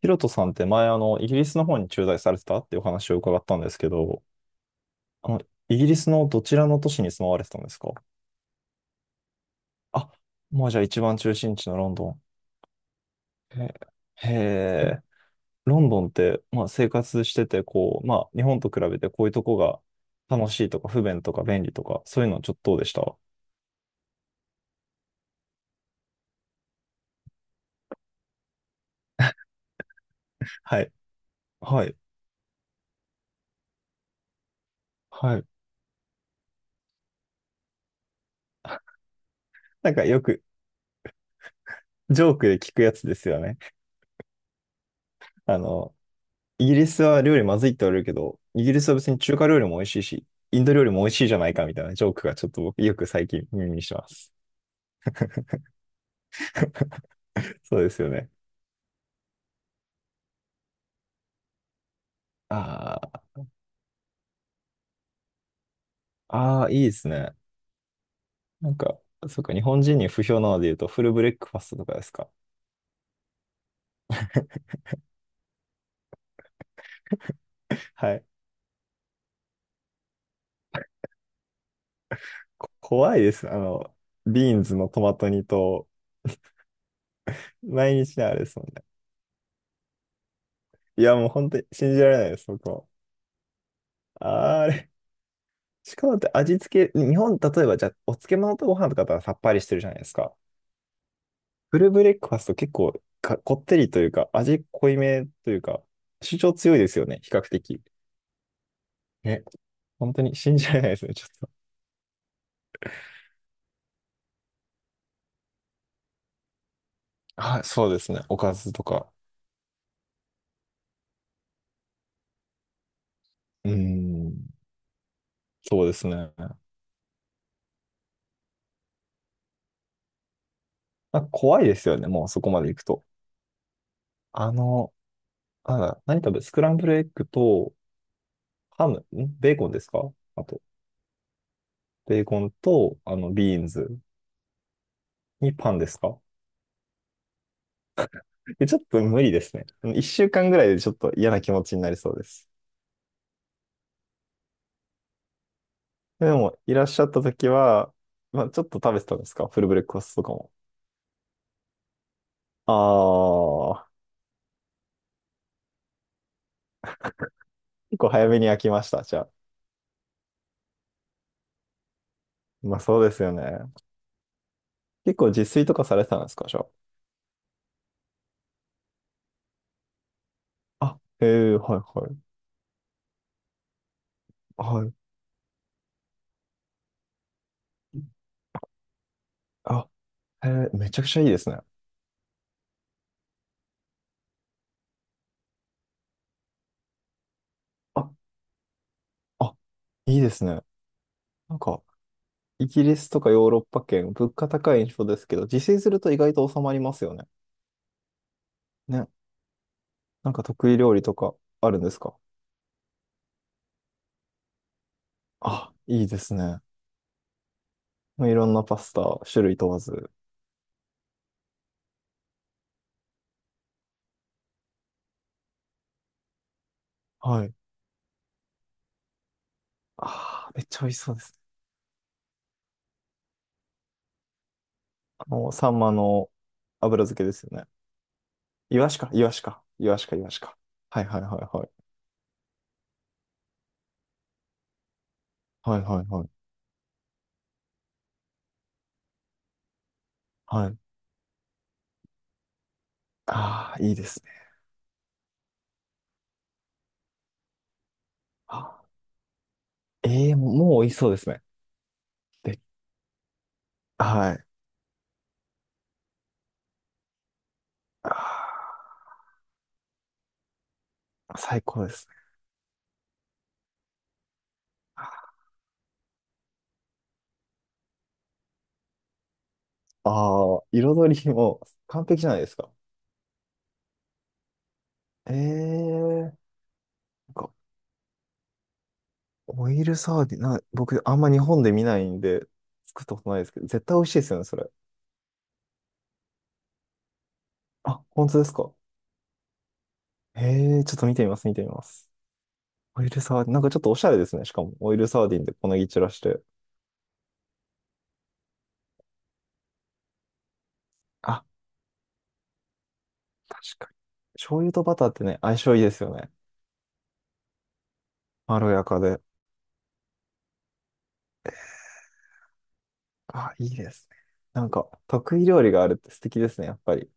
ヒロトさんって前、イギリスの方に駐在されてたっていうお話を伺ったんですけど、あの、イギリスのどちらの都市に住まわれてたんですか？あ、まあじゃあ一番中心地のロンドン。へへえ、ロンドンって、まあ生活してて、まあ日本と比べてこういうとこが楽しいとか不便とか便利とか、そういうのちょっとどうでした？はい。はい。はい。なんかよくジョークで聞くやつですよね。あの、イギリスは料理まずいって言われるけど、イギリスは別に中華料理も美味しいし、インド料理も美味しいじゃないかみたいなジョークがちょっと僕よく最近耳にします。そうですよね。あーあー、いいですね。なんか、そうか、日本人に不評なので言うとフルブレックファストとかですか。はい。怖いです。ビーンズのトマト煮と、毎日ね、あれですもんね。いや、もう本当に信じられないです、僕も。あーあれ。しかもだって味付け、日本、例えばじゃあ、お漬物とご飯とかだったらさっぱりしてるじゃないですか。フルブレックファスト結構かこってりというか、味濃いめというか、主張強いですよね、比較的。ね、本当に信じられないですね、ちょっと。はい、そうですね。おかずとか。うーん、そうですね。なんか怖いですよね、もうそこまで行くと。あの、なんだ、何食べ、スクランブルエッグと、ハム、んベーコンですかあと、ベーコンと、ビーンズにパンですか？え、ちょっと無理ですね。一週間ぐらいでちょっと嫌な気持ちになりそうです。でも、いらっしゃった時は、まあ、ちょっと食べてたんですかフルブレックファストとかも。ああ、結構早めに飽きました、じゃあ。まあ、そうですよね。結構自炊とかされてたんですかじゃあ。あ、へえ、はいはい。はい。あ、へえ、めちゃくちゃいいですね。あ、あ、いいですね。なんか、イギリスとかヨーロッパ圏、物価高い印象ですけど、自炊すると意外と収まりますよね。ね。なんか得意料理とかあるんですか？あ、いいですね。まあいろんなパスタ、種類問わず。はい。ああ、めっちゃ美味しそうですね。あの、サンマの油漬けですよね。イワシか、イワシか、イワシか、イワシか。はいはいはいはい。はいはいはい。はい。ああ、いいですね。あー、ええもう、もう美味しそうですね。で、はい。あー最高ですね。ああ、彩りも完璧じゃないですか。ええなんか、オイルサーディン、な、僕、あんま日本で見ないんで、作ったことないですけど、絶対美味しいですよね、それ。あ、本当ですか。ええちょっと見てみます、見てみます。オイルサーディン、なんかちょっとおしゃれですね。しかも、オイルサーディンで小ネギ散らして。あ、確かに。醤油とバターってね、相性いいですよね。まろやかで。あ、いいですね。なんか、得意料理があるって素敵ですね、やっぱり。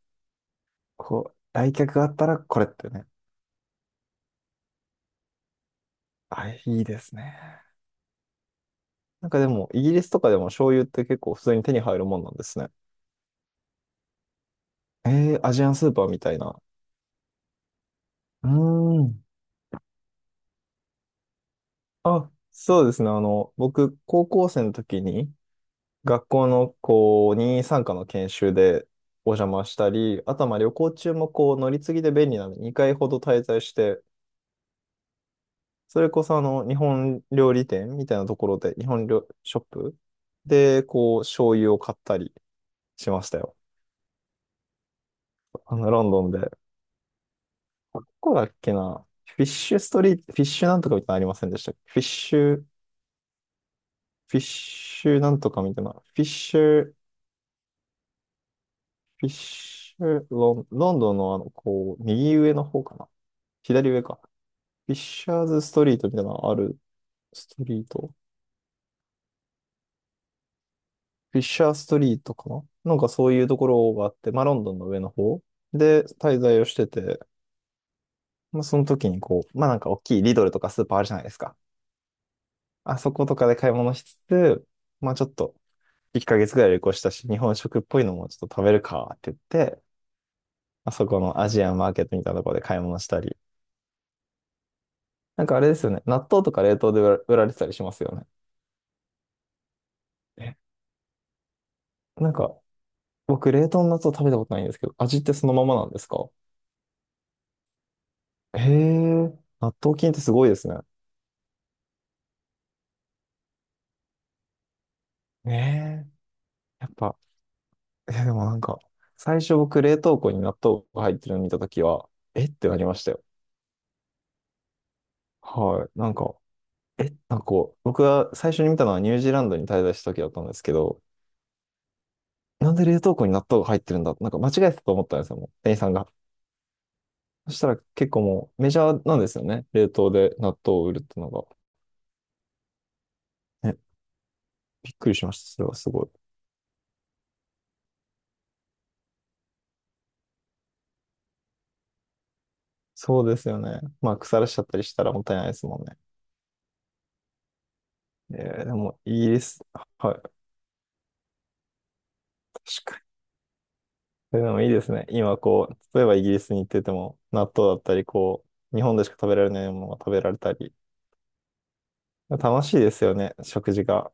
こう、来客があったらこれってね。あ、いいですね。なんかでも、イギリスとかでも醤油って結構普通に手に入るもんなんですね。えー、アジアンスーパーみたいな。うーん。あ、そうですね。僕、高校生の時に、学校のこう任意参加の研修でお邪魔したり、あとはまあ旅行中もこう乗り継ぎで便利なので2回ほど滞在して、それこそあの日本料理店みたいなところで、日本料ショップでこう醤油を買ったりしましたよ。あのロンドンで。どこだっけなフィッシュストリート、フィッシュなんとかみたいなのありませんでしたっけフィッシュ、フィッシュなんとかみたいな。フィッシュ、ロンドンのあの、こう、右上の方かな左上か。フィッシャーズストリートみたいなのあるストリートフィッシャーストリートかななんかそういうところがあって、まあロンドンの上の方で滞在をしてて、まあその時にこう、まあなんか大きいリドルとかスーパーあるじゃないですか。あそことかで買い物しつつ、まあちょっと1ヶ月ぐらい旅行したし、日本食っぽいのもちょっと食べるかって言って、まあそこのアジアンマーケットみたいなところで買い物したり。なんかあれですよね。納豆とか冷凍で売られてたりしますよね。えなんか僕冷凍の納豆食べたことないんですけど、味ってそのままなんですか？へえ、納豆菌ってすごいですね。ねえ、やっぱ、いやでもなんか、最初僕冷凍庫に納豆が入ってるの見たときは、えってなりましたよ。はい。なんか、え、なんかこう、僕が最初に見たのはニュージーランドに滞在した時だったんですけど、なんで冷凍庫に納豆が入ってるんだなんか間違えてたと思ったんですよ、もう、店員さんが。そしたら結構もうメジャーなんですよね。冷凍で納豆を売るってのが。ね、びっくりしました。それはすごい。そうですよね。まあ、腐らしちゃったりしたらもったいないですもんね。えーでも、イギリス、はい、確かに。でもいいですね。今、こう、例えばイギリスに行ってても、納豆だったり、こう、日本でしか食べられないものが食べられたり。楽しいですよね、食事が。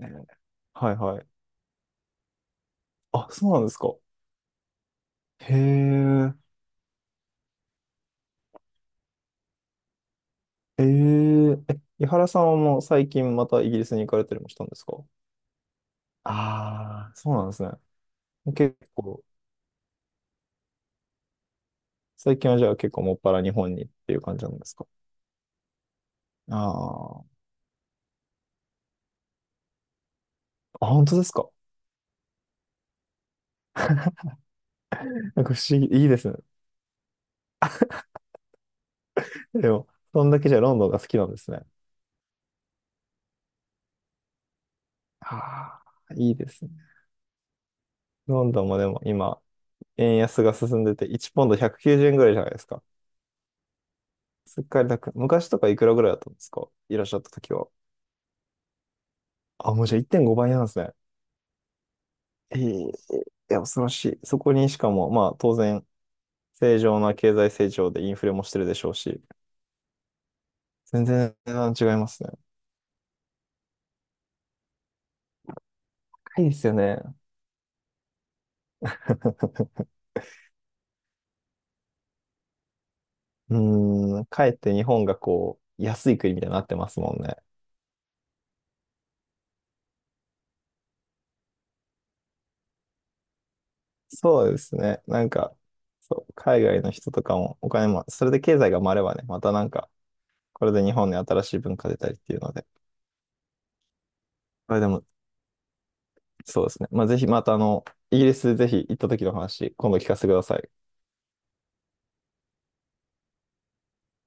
えーはいはい。あ、そうなんですか。へえ、えー、え、井原さんはもう最近またイギリスに行かれたりもしたんですか？ああー、そうなんですね。結構、最近はじゃあ結構もっぱら日本にっていう感じなんですか？ああー、あ、本当ですか。なんか不思議、いいですね。でも、そんだけじゃロンドンが好きなんですね。ああ、いいですね。ロンドンもでも今、円安が進んでて、1ポンド190円ぐらいじゃないですか。すっかりなく昔とかいくらぐらいだったんですかいらっしゃった時は。あ、もうじゃあ1.5倍なんですね。ええいや、恐ろしい。そこにしかも、まあ当然、正常な経済成長でインフレもしてるでしょうし、全然値段違いますね。高いですよね。うーん、かえって日本がこう、安い国みたいになってますもんね。そうですね。なんか、そう、海外の人とかもお金も、それで経済が回ればね、またなんか、これで日本に新しい文化出たりっていうので、これでも、そうですね。まあ、ぜひまたあの、イギリスぜひ行った時の話、今度聞かせてください。